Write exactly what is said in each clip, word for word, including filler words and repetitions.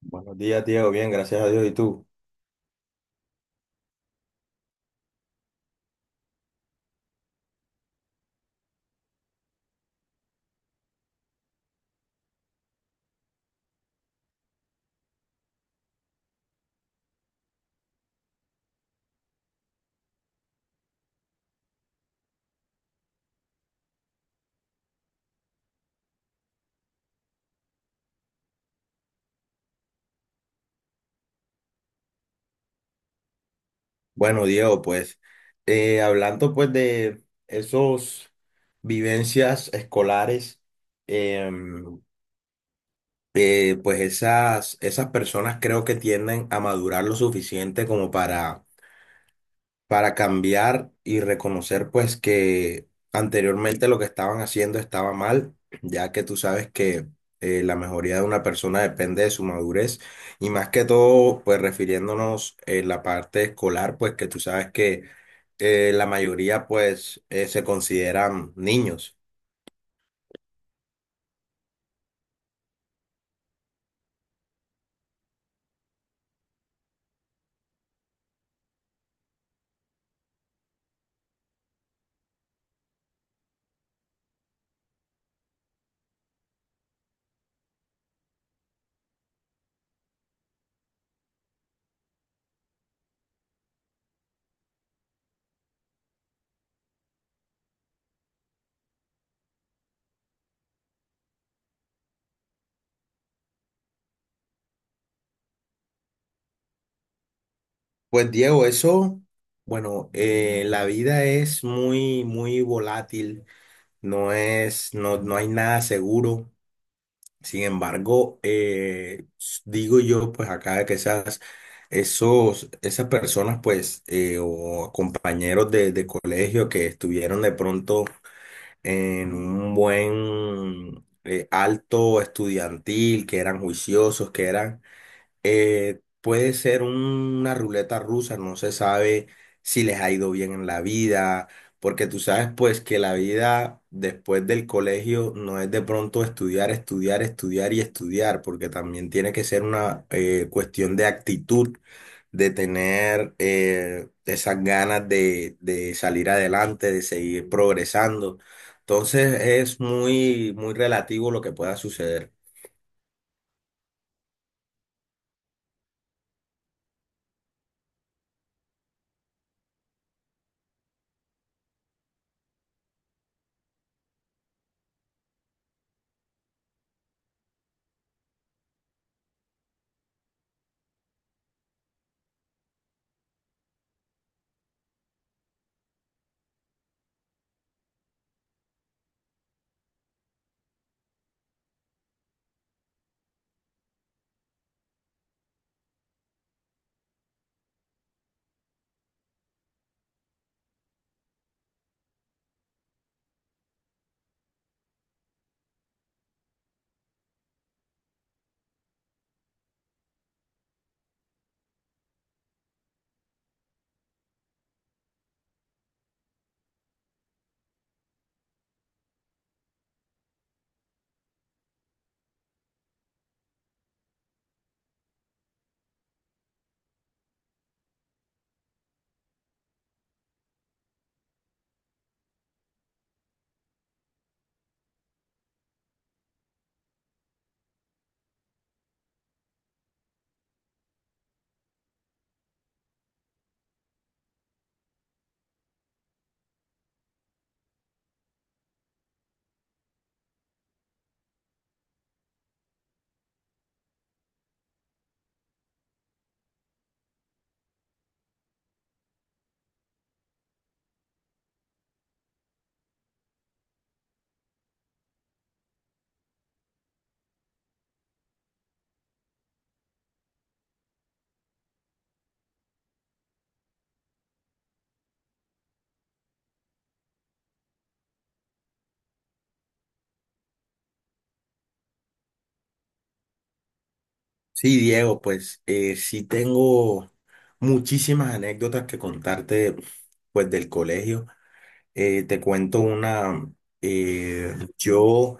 Buenos días, Diego. Bien, gracias a Dios. ¿Y tú? Bueno, Diego, pues eh, hablando pues de esos vivencias escolares, em, eh, pues esas, esas personas creo que tienden a madurar lo suficiente como para para cambiar y reconocer pues que anteriormente lo que estaban haciendo estaba mal, ya que tú sabes que eh, la mejoría de una persona depende de su madurez y más que todo pues refiriéndonos en la parte escolar pues que tú sabes que eh, la mayoría pues eh, se consideran niños. Pues Diego, eso, bueno, eh, la vida es muy, muy volátil, no es, no, no hay nada seguro. Sin embargo, eh, s- digo yo, pues acá que esas, esos, esas personas, pues, eh, o compañeros de, de colegio que estuvieron de pronto en un buen eh, alto estudiantil, que eran juiciosos, que eran eh, puede ser una ruleta rusa, no se sabe si les ha ido bien en la vida, porque tú sabes pues que la vida después del colegio no es de pronto estudiar, estudiar, estudiar y estudiar, porque también tiene que ser una eh, cuestión de actitud, de tener eh, esas ganas de, de salir adelante, de seguir progresando. Entonces es muy, muy relativo lo que pueda suceder. Sí, Diego, pues eh, sí tengo muchísimas anécdotas que contarte, pues del colegio. Eh, te cuento una, eh, yo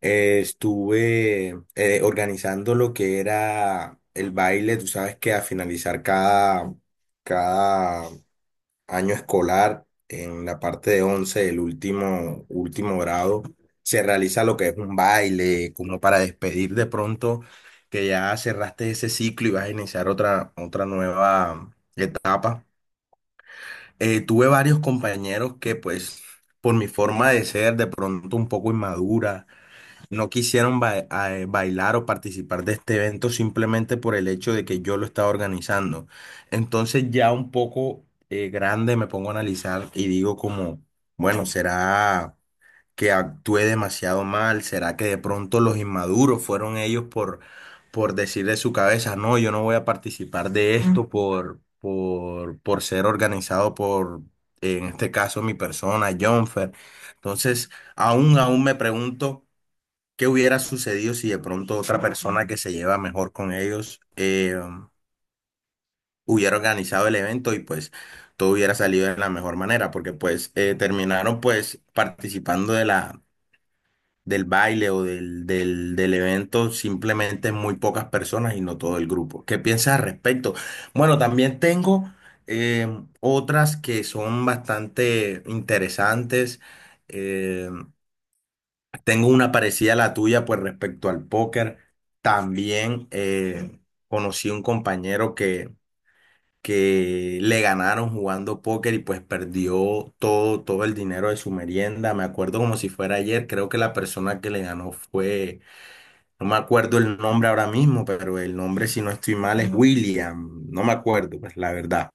eh, estuve eh, organizando lo que era el baile, tú sabes que a finalizar cada, cada año escolar, en la parte de once el último, último grado, se realiza lo que es un baile, como para despedir de pronto que ya cerraste ese ciclo y vas a iniciar otra, otra nueva etapa. Eh, tuve varios compañeros que pues por mi forma de ser de pronto un poco inmadura, no quisieron ba- a- eh, bailar o participar de este evento simplemente por el hecho de que yo lo estaba organizando. Entonces ya un poco eh, grande me pongo a analizar y digo como, bueno, ¿será que actué demasiado mal? ¿Será que de pronto los inmaduros fueron ellos por, por decir de su cabeza, no, yo no voy a participar de esto por, por, por ser organizado por, en este caso, mi persona, Jonfer? Entonces, aún, aún me pregunto. ¿Qué hubiera sucedido si de pronto otra persona que se lleva mejor con ellos eh, hubiera organizado el evento y pues todo hubiera salido de la mejor manera? Porque pues eh, terminaron pues participando de la, del baile o del, del, del evento simplemente muy pocas personas y no todo el grupo. ¿Qué piensas al respecto? Bueno, también tengo eh, otras que son bastante interesantes. eh, Tengo una parecida a la tuya, pues respecto al póker. También eh, conocí un compañero que, que le ganaron jugando póker y pues perdió todo, todo el dinero de su merienda. Me acuerdo como si fuera ayer. Creo que la persona que le ganó fue, no me acuerdo el nombre ahora mismo, pero el nombre, si no estoy mal, es William. No me acuerdo, pues la verdad.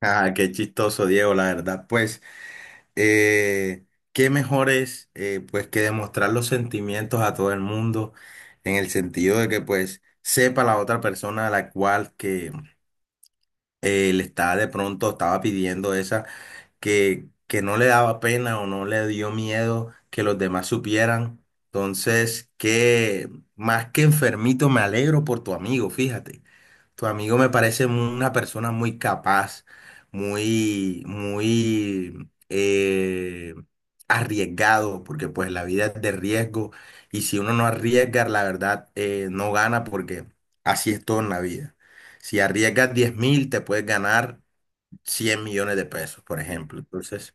Ah, qué chistoso, Diego, la verdad. Pues. eh, qué mejor es eh, pues que demostrar los sentimientos a todo el mundo en el sentido de que pues sepa la otra persona a la cual que eh, le estaba de pronto estaba pidiendo esa que, que no le daba pena o no le dio miedo que los demás supieran. Entonces, que más que enfermito, me alegro por tu amigo, fíjate. Tu amigo me parece mu- una persona muy capaz, muy, muy eh, arriesgado, porque pues la vida es de riesgo y si uno no arriesga, la verdad eh, no gana porque así es todo en la vida. Si arriesgas diez mil, te puedes ganar cien millones de pesos, por ejemplo. Entonces,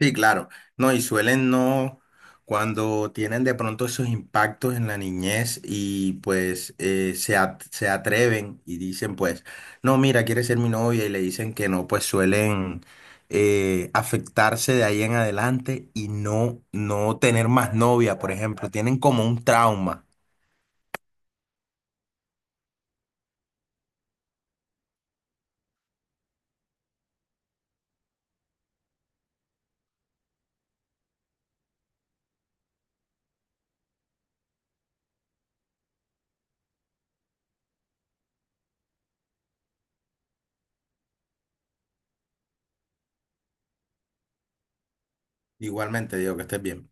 sí, claro. No, y suelen no, cuando tienen de pronto esos impactos en la niñez y pues eh, se, at- se atreven y dicen pues, no, mira, quiere ser mi novia y le dicen que no, pues suelen eh, afectarse de ahí en adelante y no, no tener más novia, por ejemplo. Tienen como un trauma. Igualmente, digo que estés bien.